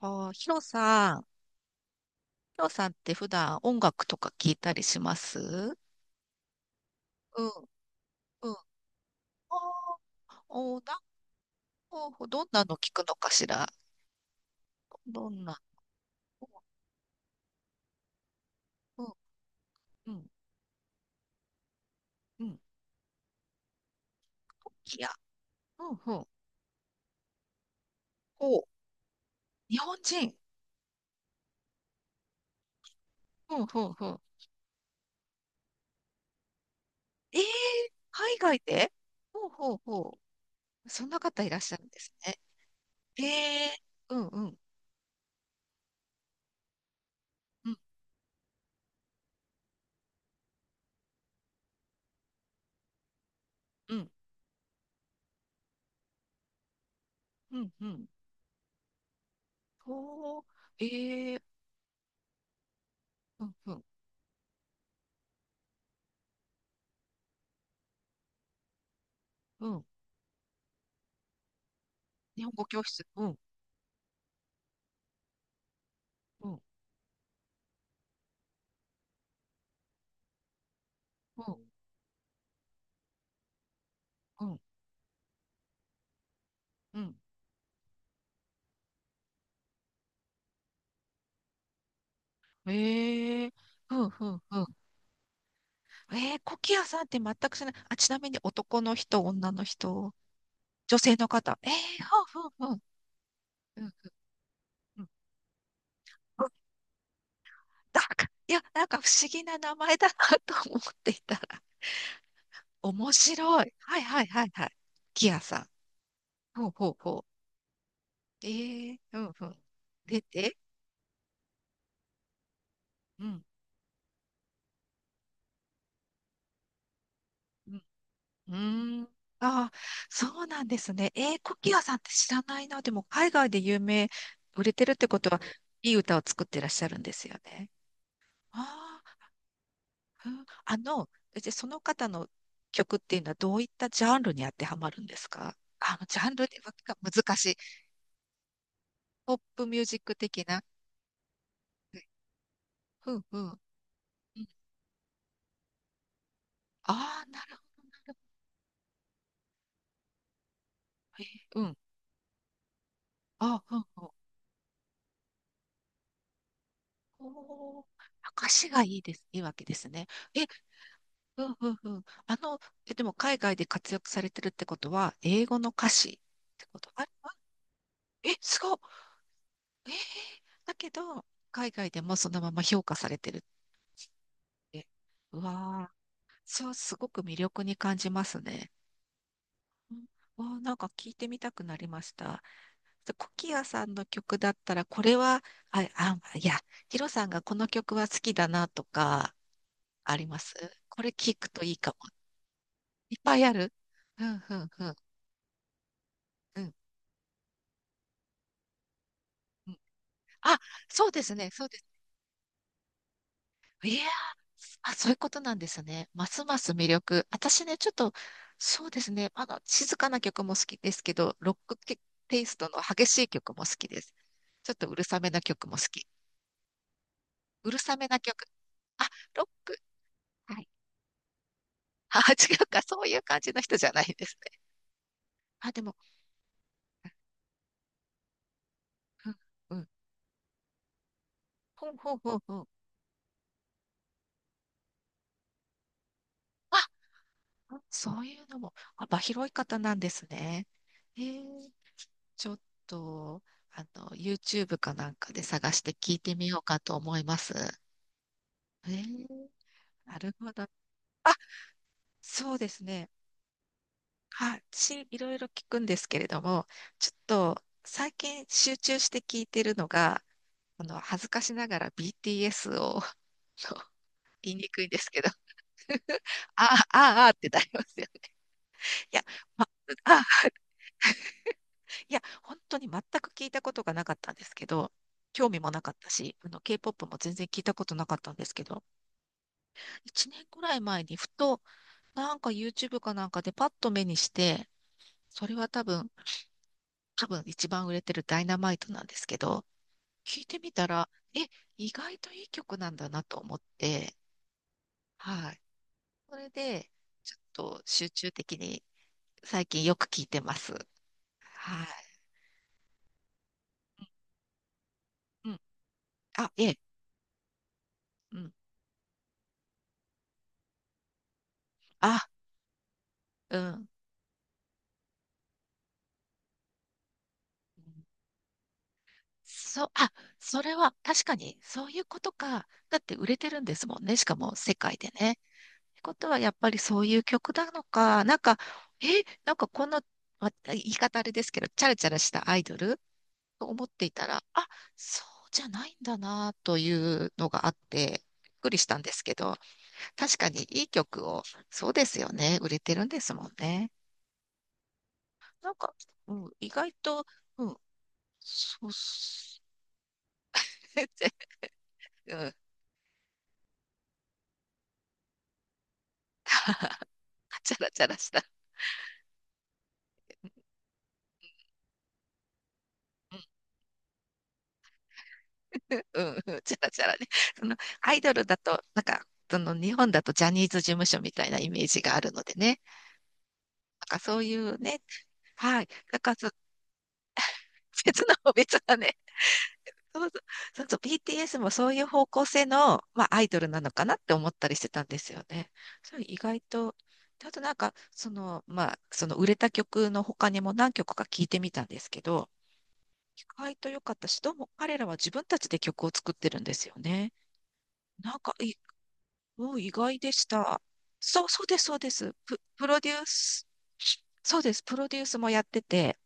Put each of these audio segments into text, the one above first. ああ、ヒロさん、ヒロさんって普段音楽とか聞いたりします？うん、うん。ああ、おー、なんか、どんなの聞くのかしら。どんな、うん、うん、うん。トキや、うん、うん。お、日本人。うん、うん、うん。ええ、海外で。ほうほうほう。そんな方いらっしゃるんですね。ええ、うん、うん、うん、うん、うん、うん。ほう、ええ、うん、うん、うん。日本語教室。うん、うん、うん。うん、うん。ええ、ふんふんふん。ええ、コキアさんって全くしない。あ、ちなみに男の人、女の人？女性の方。ええ、ふんふんふん。うん、うん、うん。だんから、いや、なんか不思議な名前だな と思っていたら。面白い。はいはいはいはい。コキアさん。ほうほうほう。ええ、ふんふん。出て。うん。うーん。ああ、そうなんですね。えー、コキアさんって知らないな。でも、海外で有名、売れてるってことは、いい歌を作ってらっしゃるんですよね。ああ、うん、あの、じゃあその方の曲っていうのはどういったジャンルに当てはまるんですか？あの、ジャンルでわけが難しい。ポップミュージック的な。ふうん、うん。うん、ああ、なるほど。えー、うん。ああ、うん、うん。おー、歌詞がいいです、いいわけですね。え、うん、うん、うん。あの、え、でも海外で活躍されてるってことは、英語の歌詞ってことあれあえ、すごっ、えー、だけど、海外でもそのまま評価されてるって。うわー、そう、すごく魅力に感じますね。うん、わー、なんか聞いてみたくなりました。でコキアさんの曲だったら、これは、あ、あ、いや、ヒロさんがこの曲は好きだなとか、あります？これ聞くといいかも。いっぱいある。うん、うん、うん、うん。あ、そうですね、そうです。いやー、あ、そういうことなんですね。ますます魅力。私ね、ちょっと、そうですね、あの、静かな曲も好きですけど、ロックテイストの激しい曲も好きです。ちょっとうるさめな曲も好き。うるさめな曲。あ、ロック。はい。あ、違うか、そういう感じの人じゃないですね。あ、でも、うん、うん。ほんほんほんほう、あ、そういうのも、幅広い方なんですね。へえ、ちょっと、あの、YouTube かなんかで探して聞いてみようかと思います。えー、なるほど。あ、そうですね。はい、し、いろいろ聞くんですけれども、ちょっと最近集中して聞いてるのが、あの、恥ずかしながら BTS を、あの言いにくいんですけど、ああ、ああ、あーってなりますよね。いや、ま、あー いや、本当に全く聞いたことがなかったんですけど、興味もなかったし、あの、K-POP も全然聞いたことなかったんですけど、一年くらい前にふと、なんか YouTube かなんかでパッと目にして、それは多分、一番売れてるダイナマイトなんですけど、聞いてみたら、え、意外といい曲なんだなと思って、はい。それで、ちょっと集中的に最近よく聞いてます。はい。うん。うん、あ、ええ、うん。あ、うん。そ、あ、それは確かにそういうことか。だって売れてるんですもんね。しかも世界でね。ってことはやっぱりそういう曲なのか、なんか、え、なんかこんな、言い方あれですけど、チャラチャラしたアイドルと思っていたら、あ、そうじゃないんだなというのがあって、びっくりしたんですけど、確かにいい曲を、そうですよね、売れてるんですもんね。なんか、うん、意外と、うん、そうっす、全然、うん、チャラチャラした。うん、うん、うん、チャラチャラね。そのアイドルだと、なんか、その日本だとジャニーズ事務所みたいなイメージがあるのでね。なんかそういうね、はい。だからそ別の、別なね、そうそう、そうそう、BTS もそういう方向性の、まあ、アイドルなのかなって思ったりしてたんですよね。それ意外と、あとなんか、その、まあ、その売れた曲の他にも何曲か聞いてみたんですけど、意外と良かったし、どうも彼らは自分たちで曲を作ってるんですよね。なんかいい、お、意外でした。そう、そうです、そうです。プロデュース、そうです、プロデュースもやってて、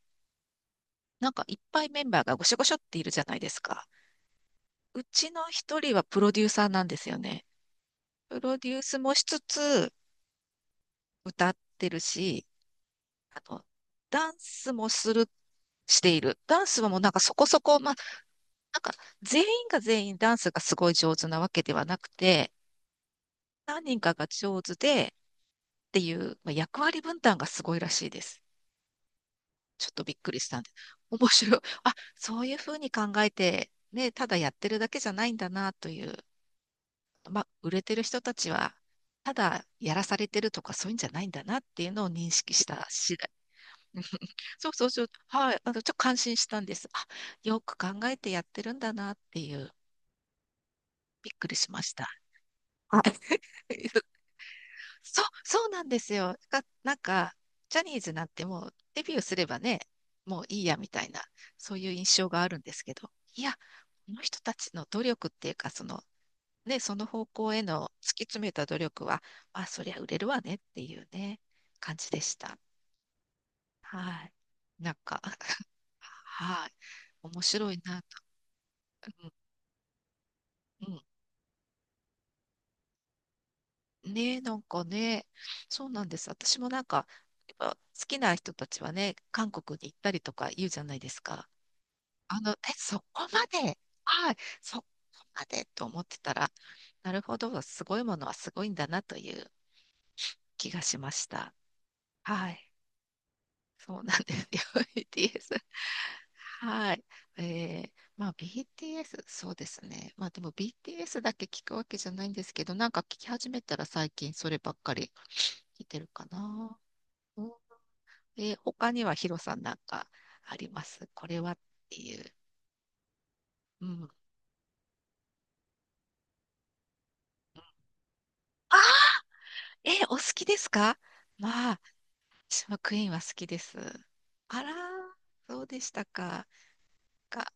なんかいっぱいメンバーがごしょごしょっているじゃないですか。うちの一人はプロデューサーなんですよね。プロデュースもしつつ、歌ってるし、あの、ダンスもする、している。ダンスはもうなんかそこそこ、まあ、なんか全員が全員ダンスがすごい上手なわけではなくて、何人かが上手でっていう、まあ、役割分担がすごいらしいです。ちょっとびっくりしたんで、面白い。あ、そういうふうに考えて、ね、ただやってるだけじゃないんだなという、まあ、売れてる人たちは、ただやらされてるとかそういうんじゃないんだなっていうのを認識した次第。そうそうそう。はい。あの、ちょっと感心したんです。あ、よく考えてやってるんだなっていう、びっくりしました。あ はい。そう、そうなんですよ。が、なんか、ジャニーズなんてもうデビューすればね、もういいやみたいな、そういう印象があるんですけど、いや、この人たちの努力っていうか、その、ね、その方向への突き詰めた努力は、まあ、そりゃ売れるわねっていうね、感じでした。はい。なんか、はい。面白いなと。うん、うん。ね、え、なんかね、そうなんです。私もなんか、やっぱ好きな人たちはね、韓国に行ったりとか言うじゃないですか。あの、え、そこまで、はい、そこまでと思ってたら、なるほど、すごいものはすごいんだなという気がしました。はい、そうなんですよ、BTS。はい。えー、まあ BTS、そうですね。まあでも BTS だけ聞くわけじゃないんですけど、なんか聞き始めたら最近そればっかり聞いてるかな。で、他にはヒロさんなんかあります？これはっていう。うん。あ、え、お好きですか？まあ、私もクイーンは好きです。あら、そうでしたか。か、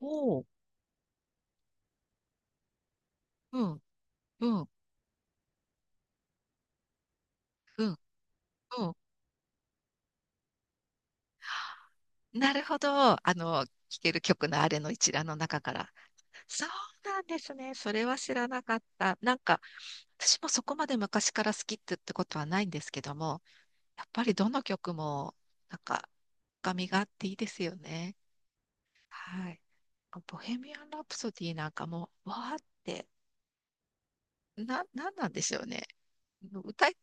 おう。うん、うん、うん、うん。なるほど。あの、聴ける曲のあれの一覧の中から。そうなんですね。それは知らなかった。なんか、私もそこまで昔から好きって、ってことはないんですけども、やっぱりどの曲も、なんか、深みがあっていいですよね。はい。ボヘミアン・ラプソディなんかもう、わーって、なんなんでしょうね。歌い、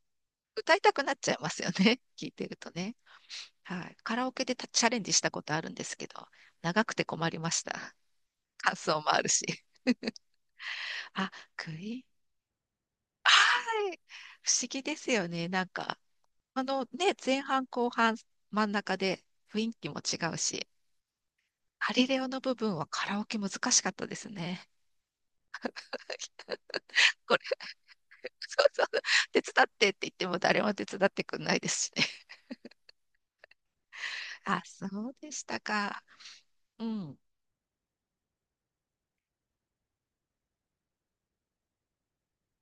歌いたくなっちゃいますよね。聞いてるとね。はい。カラオケでたチャレンジしたことあるんですけど、長くて困りました。感想もあるし。あ、クイーン。はい。不思議ですよね。なんか、あのね、前半後半真ん中で雰囲気も違うし、カリレオの部分はカラオケ難しかったですね。これ、そうそうそう、手伝ってって言っても誰も手伝ってくんないですしね。あ、そうでしたか。うん。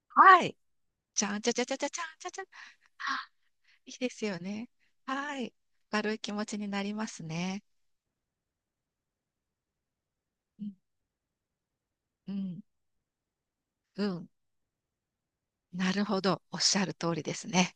はい。じゃんじゃじゃじゃじゃじゃんじゃじゃ。あ、いいですよね。はい。軽い気持ちになりますね。うん。うん。うん、なるほど。おっしゃる通りですね。